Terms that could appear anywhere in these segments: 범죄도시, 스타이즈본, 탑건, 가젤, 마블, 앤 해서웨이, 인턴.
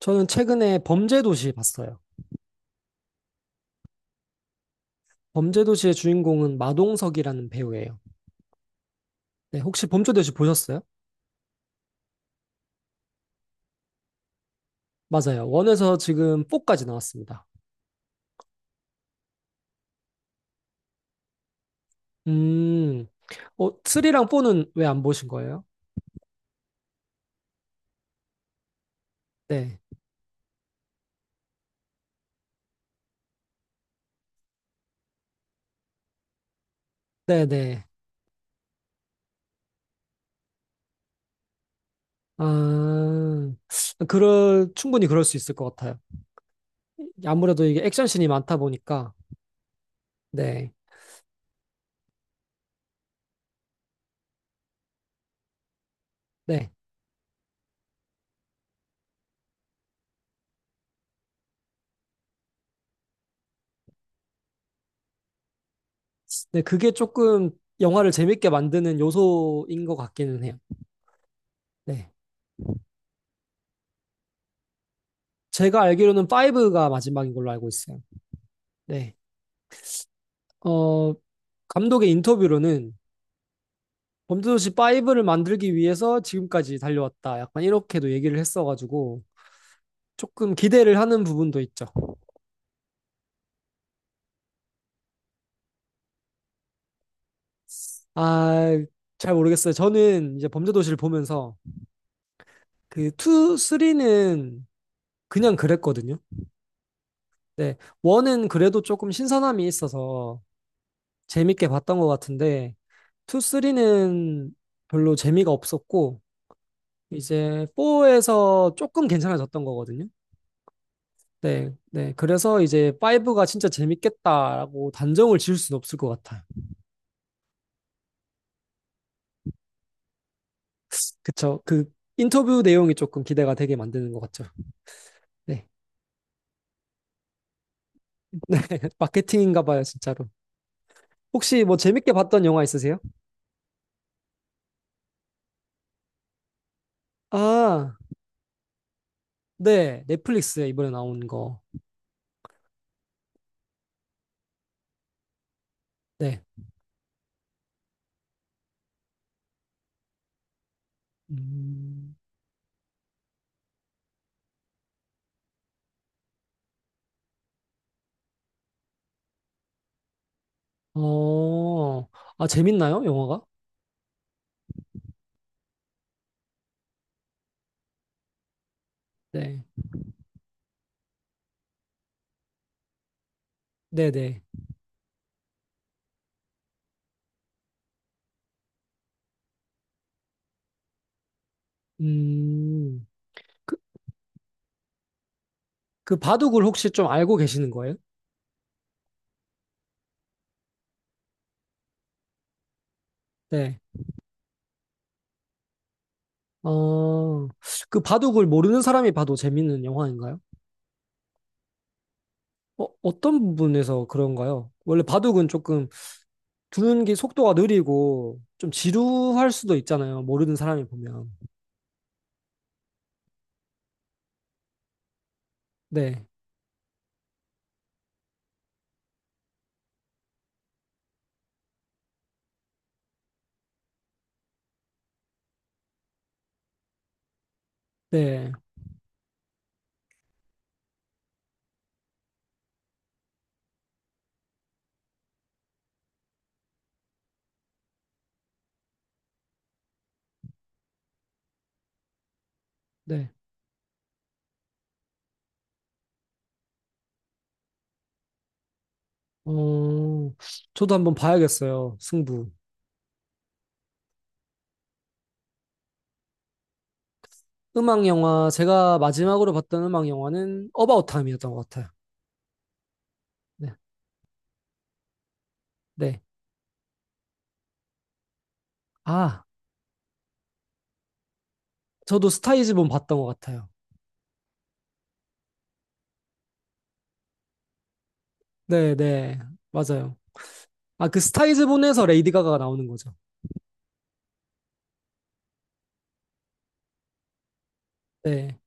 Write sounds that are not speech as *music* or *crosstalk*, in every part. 저는 최근에 범죄도시 봤어요. 범죄도시의 주인공은 마동석이라는 배우예요. 네, 혹시 범죄도시 보셨어요? 맞아요. 원에서 지금 4까지 나왔습니다. 음, 3랑 4는 왜 안 보신 거예요? 네, 네네. 아, 충분히 그럴 수 있을 것 같아요. 아무래도 이게 액션씬이 많다 보니까, 네, 네. 네, 그게 조금 영화를 재밌게 만드는 요소인 것 같기는 해요. 네. 제가 알기로는 5가 마지막인 걸로 알고 있어요. 네. 어, 감독의 인터뷰로는 범죄도시 5를 만들기 위해서 지금까지 달려왔다. 약간 이렇게도 얘기를 했어가지고 조금 기대를 하는 부분도 있죠. 아, 잘 모르겠어요. 저는 이제 범죄도시를 보면서 그 2, 3는 그냥 그랬거든요. 네, 1은 그래도 조금 신선함이 있어서 재밌게 봤던 것 같은데 2, 3는 별로 재미가 없었고 이제 4에서 조금 괜찮아졌던 거거든요. 네, 네. 그래서 이제 5가 진짜 재밌겠다라고 단정을 지을 수는 없을 것 같아요. 그쵸. 그 인터뷰 내용이 조금 기대가 되게 만드는 것 같죠. 네. *laughs* 마케팅인가 봐요, 진짜로. 혹시 뭐 재밌게 봤던 영화 있으세요? 아, 네. 넷플릭스에 이번에 나온 거. 네. 음, 어, 재밌나요, 영화가? 네. 네네. 음, 그, 그 바둑을 혹시 좀 알고 계시는 거예요? 네. 어, 그 바둑을 모르는 사람이 봐도 재밌는 영화인가요? 어떤 부분에서 그런가요? 원래 바둑은 조금 두는 게 속도가 느리고 좀 지루할 수도 있잖아요. 모르는 사람이 보면. 네, 네, 네. 어, 저도 한번 봐야겠어요. 승부. 음악 영화, 제가 마지막으로 봤던 음악 영화는 어바웃 타임이었던 것 같아요. 네, 네. 아, 저도 스타이즈본 봤던 것 같아요. 네, 네. 맞아요. 아, 그 스타이즈본에서 레이디 가가가 나오는 거죠. 네.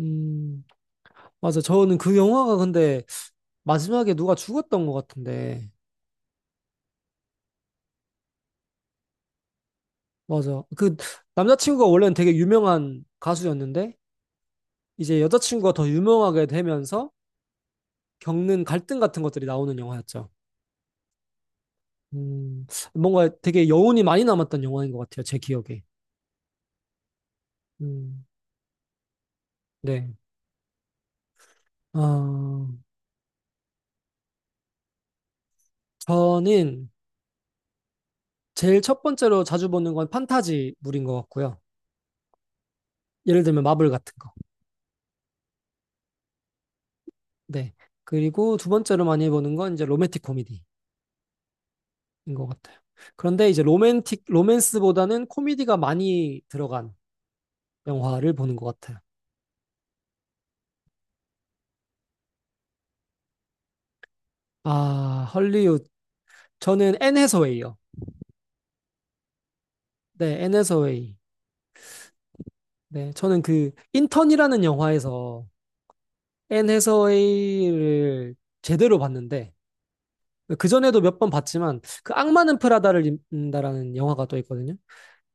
음, 맞아. 저는 그 영화가 근데 마지막에 누가 죽었던 것 같은데. 맞아. 그 남자친구가 원래는 되게 유명한 가수였는데, 이제 여자친구가 더 유명하게 되면서 겪는 갈등 같은 것들이 나오는 영화였죠. 음, 뭔가 되게 여운이 많이 남았던 영화인 것 같아요. 제 기억에. 음, 네. 어, 저는 제일 첫 번째로 자주 보는 건 판타지물인 것 같고요. 예를 들면 마블 같은 거. 네. 그리고 두 번째로 많이 보는 건 이제 로맨틱 코미디 인 것 같아요. 그런데 이제 로맨스보다는 코미디가 많이 들어간 영화를 보는 것 같아요. 아, 헐리우드. 저는 앤 해서웨이요. 네, 앤 해서웨이. 네, 저는 그 인턴이라는 영화에서 앤 해서웨이를 제대로 봤는데 그전에도 몇 번 봤지만 그 악마는 프라다를 입는다라는 영화가 또 있거든요.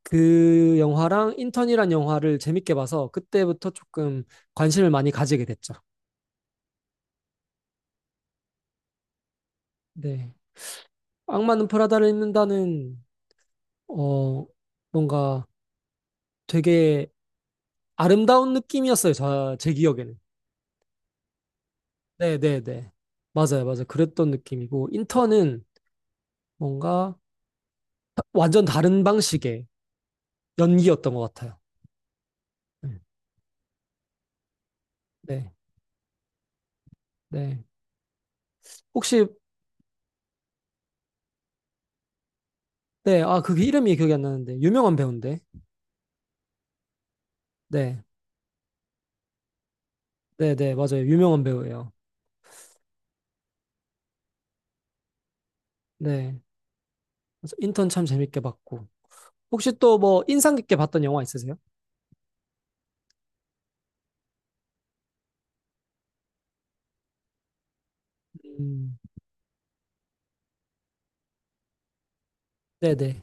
그 영화랑 인턴이란 영화를 재밌게 봐서 그때부터 조금 관심을 많이 가지게 됐죠. 네. 악마는 프라다를 입는다는 어, 뭔가 되게 아름다운 느낌이었어요. 제 기억에는. 네네네. 맞아요, 맞아요. 그랬던 느낌이고, 인턴은 뭔가 완전 다른 방식의 연기였던 것 같아요. 네, 네. 네. 혹시, 네, 아, 그게 이름이 기억이 안 나는데, 유명한 배우인데. 네, 네네, 맞아요. 유명한 배우예요. 네. 그래서 인턴 참 재밌게 봤고. 혹시 또 뭐 인상 깊게 봤던 영화 있으세요? 음, 네네.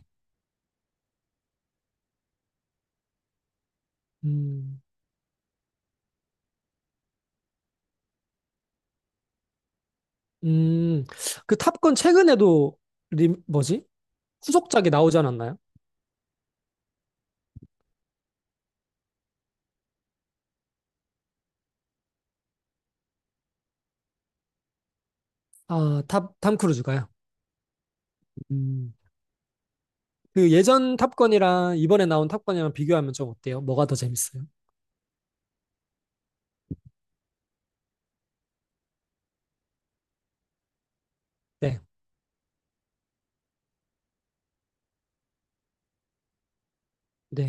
음. 음, 그 탑건 최근에도 뭐지? 후속작이 나오지 않았나요? 아, 탐 크루즈가요. 음, 그 예전 탑건이랑 이번에 나온 탑건이랑 비교하면 좀 어때요? 뭐가 더 재밌어요? 네, 네,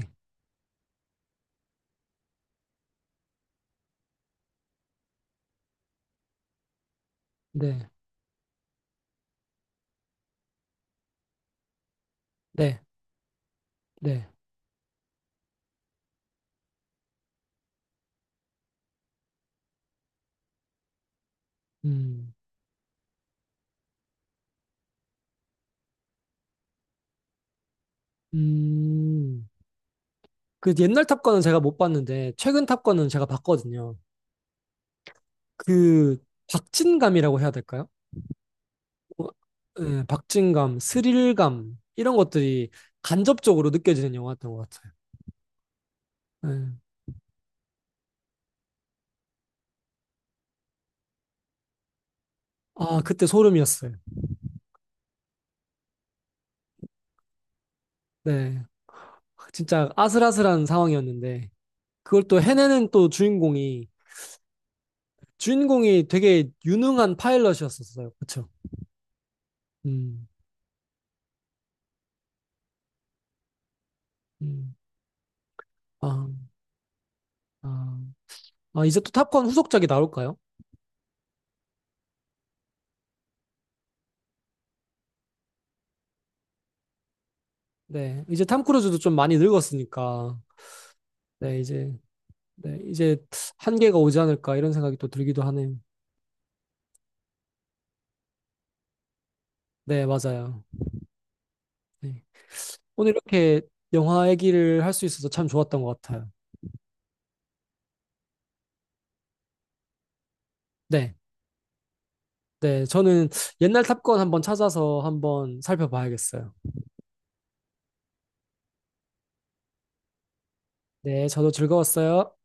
네, 네, 네. 음, 음. 그 옛날 탑건은 제가 못 봤는데 최근 탑건은 제가 봤거든요. 그 박진감이라고 해야 될까요? 어, 예, 박진감, 스릴감 이런 것들이 간접적으로 느껴지는 영화였던 것 같아요. 예. 아, 그때 소름이었어요. 네. 진짜 아슬아슬한 상황이었는데, 그걸 또 해내는 또 주인공이 되게 유능한 파일럿이었었어요. 그쵸? 음, 음. 아, 아, 이제 또 탑건 후속작이 나올까요? 네. 이제 탐 크루즈도 좀 많이 늙었으니까, 네, 이제, 네, 이제 한계가 오지 않을까 이런 생각이 또 들기도 하네요. 네, 맞아요. 네. 오늘 이렇게 영화 얘기를 할 수 있어서 참 좋았던 것 같아요. 네. 네, 저는 옛날 탑건 한번 찾아서 한번 살펴봐야겠어요. 네, 저도 즐거웠어요.